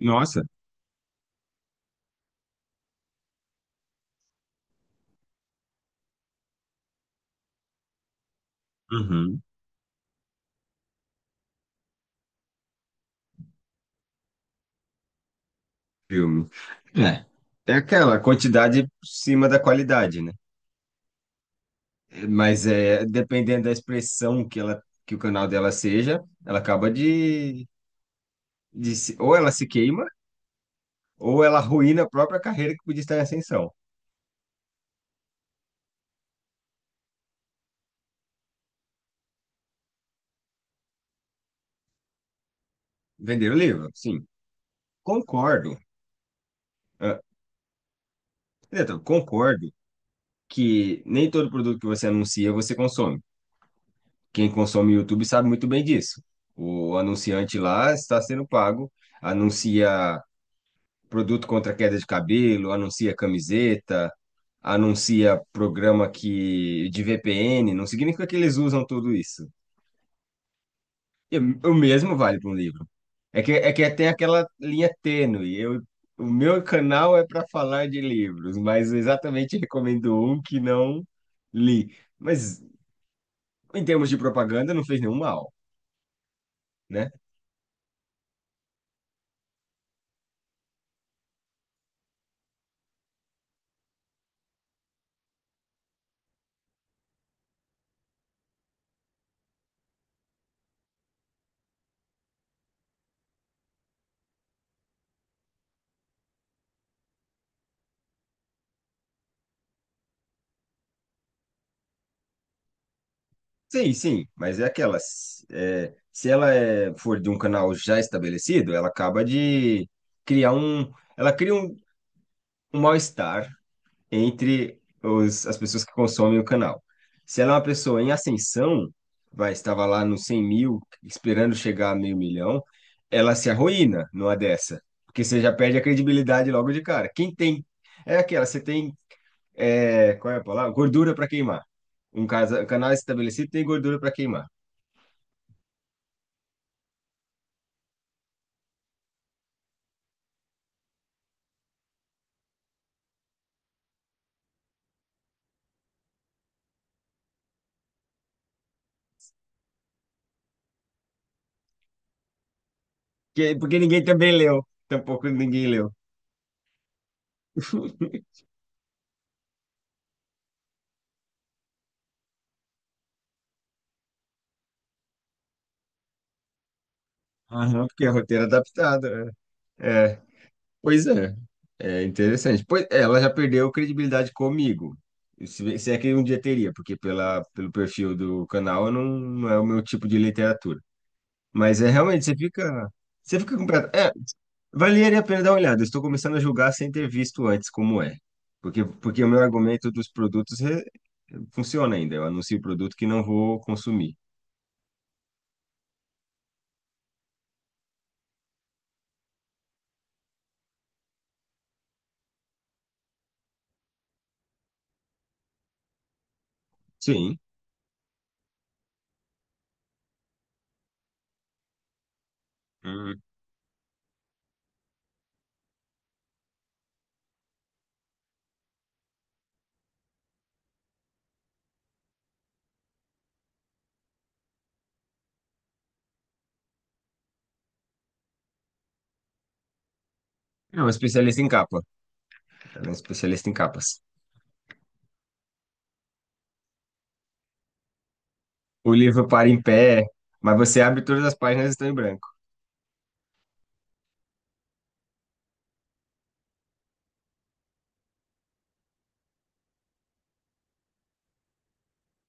Nossa. Uhum. Filme. É. É aquela quantidade por cima da qualidade, né? Mas é dependendo da expressão que ela que o canal dela seja, ela acaba de, ou ela se queima ou ela arruína a própria carreira que podia estar em ascensão. Vender o livro? Sim. Concordo. Ah, Neto, concordo que nem todo produto que você anuncia você consome. Quem consome YouTube sabe muito bem disso. O anunciante lá está sendo pago, anuncia produto contra queda de cabelo, anuncia camiseta, anuncia programa que de VPN, não significa que eles usam tudo isso. E o mesmo vale para um livro. É que tem aquela linha tênue. O meu canal é para falar de livros, mas eu exatamente recomendo um que não li. Mas em termos de propaganda, não fez nenhum mal, né? Sim, sim, mas é aquela. Se ela for de um canal já estabelecido, ela acaba de criar um. Ela cria um mal-estar entre as pessoas que consomem o canal. Se ela é uma pessoa em ascensão, vai, estava lá nos 100 mil, esperando chegar a meio milhão, ela se arruína numa dessa. Porque você já perde a credibilidade logo de cara. Quem tem. É aquela, você tem. Qual é a palavra? Gordura para queimar. Um canal estabelecido tem gordura para queimar. Porque ninguém também leu. Tampouco ninguém leu. Aham, porque é roteiro adaptado. É. É. Pois é. É interessante. Pois, é, ela já perdeu credibilidade comigo. Se é que um dia teria, porque pelo perfil do canal eu não é o meu tipo de literatura. Mas é realmente, você fica. Você fica completo. É, valeria a pena dar uma olhada. Eu estou começando a julgar sem ter visto antes como é. Porque o meu argumento dos produtos funciona ainda. Eu anuncio o produto que não vou consumir. Sim. É um especialista em capa. Ela é um especialista em capas. O livro para em pé, mas você abre todas as páginas estão em branco.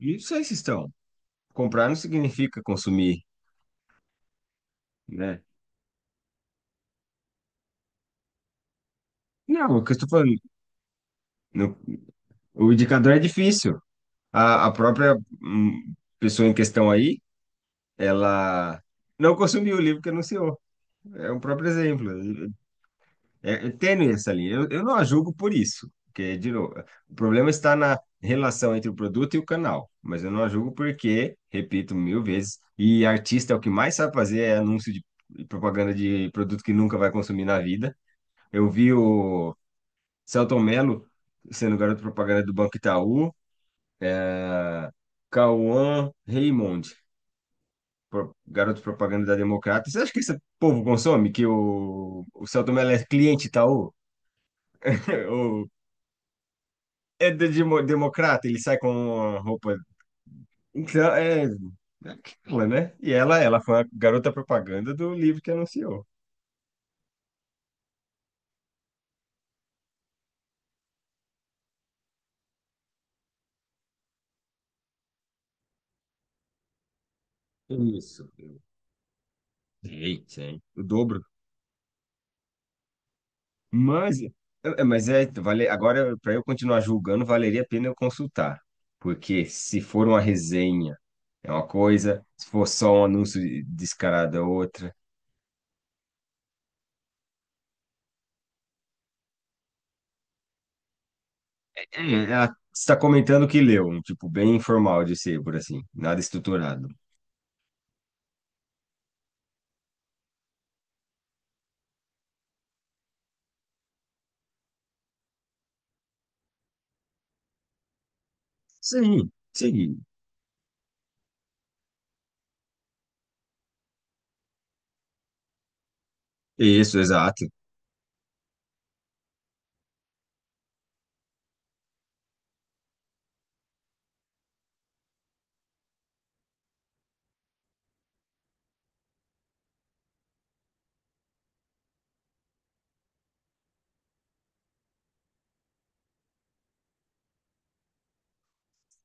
E não sei se estão. Comprar não significa consumir, né? Não, o que eu estou falando, no- o indicador é difícil. A própria pessoa em questão aí, ela não consumiu o livro que anunciou. É um próprio exemplo. É, é tênue essa linha. Eu não a julgo por isso, porque, de novo, o problema está na relação entre o produto e o canal, mas eu não a julgo porque, repito mil vezes, e artista é o que mais sabe fazer é anúncio de e propaganda de produto que nunca vai consumir na vida. Eu vi o Selton Mello sendo garoto propaganda do Banco Itaú, é, Cauã Raymond, garoto propaganda da Democrata. Você acha que esse povo consome? Que o Selton Mello é cliente Itaú? É de democrata, ele sai com uma roupa. Então, é, é aquela, né? E ela foi a garota propaganda do livro que anunciou. Isso. Sei, sei. O dobro. Mas, mas é, vale, agora, para eu continuar julgando, valeria a pena eu consultar. Porque se for uma resenha, é uma coisa, se for só um anúncio descarado, é outra. É, ela está comentando o que leu, um tipo bem informal de ser, por assim, nada estruturado. Sim, sim. Isso, exato.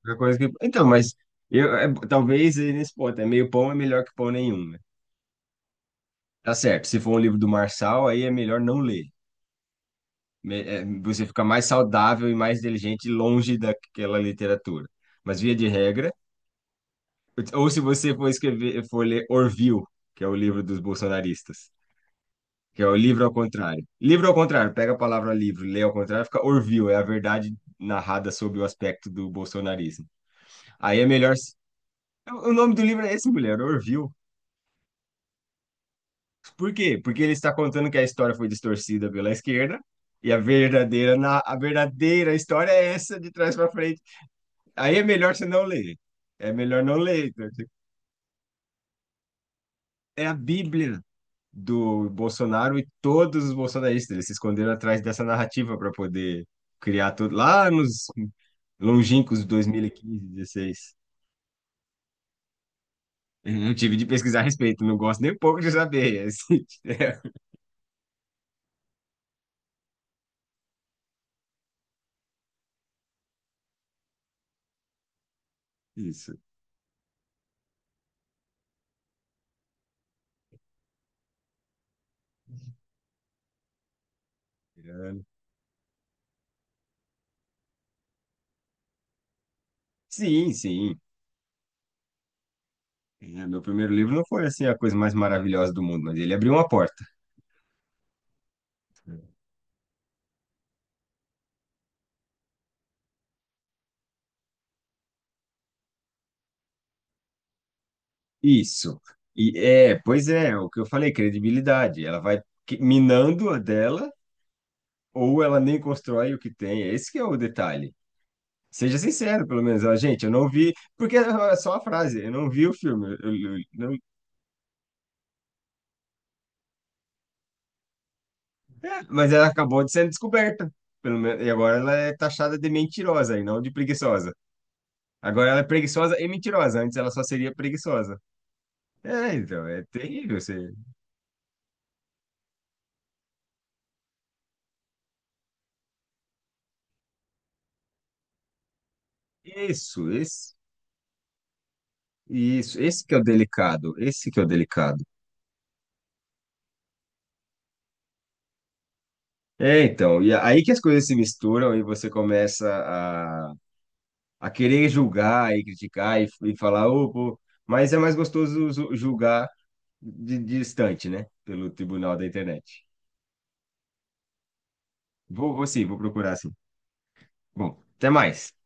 É uma coisa que. Então, mas eu talvez aí nesse ponto, é meio pão é melhor que pão nenhum, né? Tá certo, se for um livro do Marçal, aí é melhor não ler. Você fica mais saudável e mais inteligente longe daquela literatura. Mas via de regra, ou se você for escrever, for ler Orville, que é o livro dos bolsonaristas, que é o livro ao contrário. Livro ao contrário, pega a palavra livro, lê ao contrário, fica Orville, é a verdade narrada sob o aspecto do bolsonarismo. Aí é melhor. O nome do livro é esse, mulher, Orville. Por quê? Porque ele está contando que a história foi distorcida pela esquerda e a verdadeira, a verdadeira história é essa de trás para frente. Aí é melhor você não ler. É melhor não ler. Então, tipo, é a Bíblia do Bolsonaro e todos os bolsonaristas. Eles se esconderam atrás dessa narrativa para poder criar tudo lá nos longínquos 2015, 16. Eu tive de pesquisar a respeito, não gosto nem um pouco de saber. Assim, é isso. Sim, sim. É, meu primeiro livro não foi assim a coisa mais maravilhosa do mundo, mas ele abriu uma porta. Isso. Pois é, o que eu falei, credibilidade. Ela vai minando a dela ou ela nem constrói o que tem. É. Esse que é o detalhe. Seja sincero, pelo menos. Ela, gente, eu não vi, porque é só a frase, eu não vi o filme. Eu não- É, mas ela acabou de ser descoberta, pelo menos, e agora ela é taxada de mentirosa e não de preguiçosa. Agora ela é preguiçosa e mentirosa, antes ela só seria preguiçosa. É, então, é terrível você. Isso, esse, isso, esse que é o delicado. É, então, e aí que as coisas se misturam e você começa a querer julgar e criticar e falar, "Ô, pô", mas é mais gostoso julgar de distante, né? Pelo tribunal da internet. Vou, vou sim, vou procurar sim. Bom, até mais.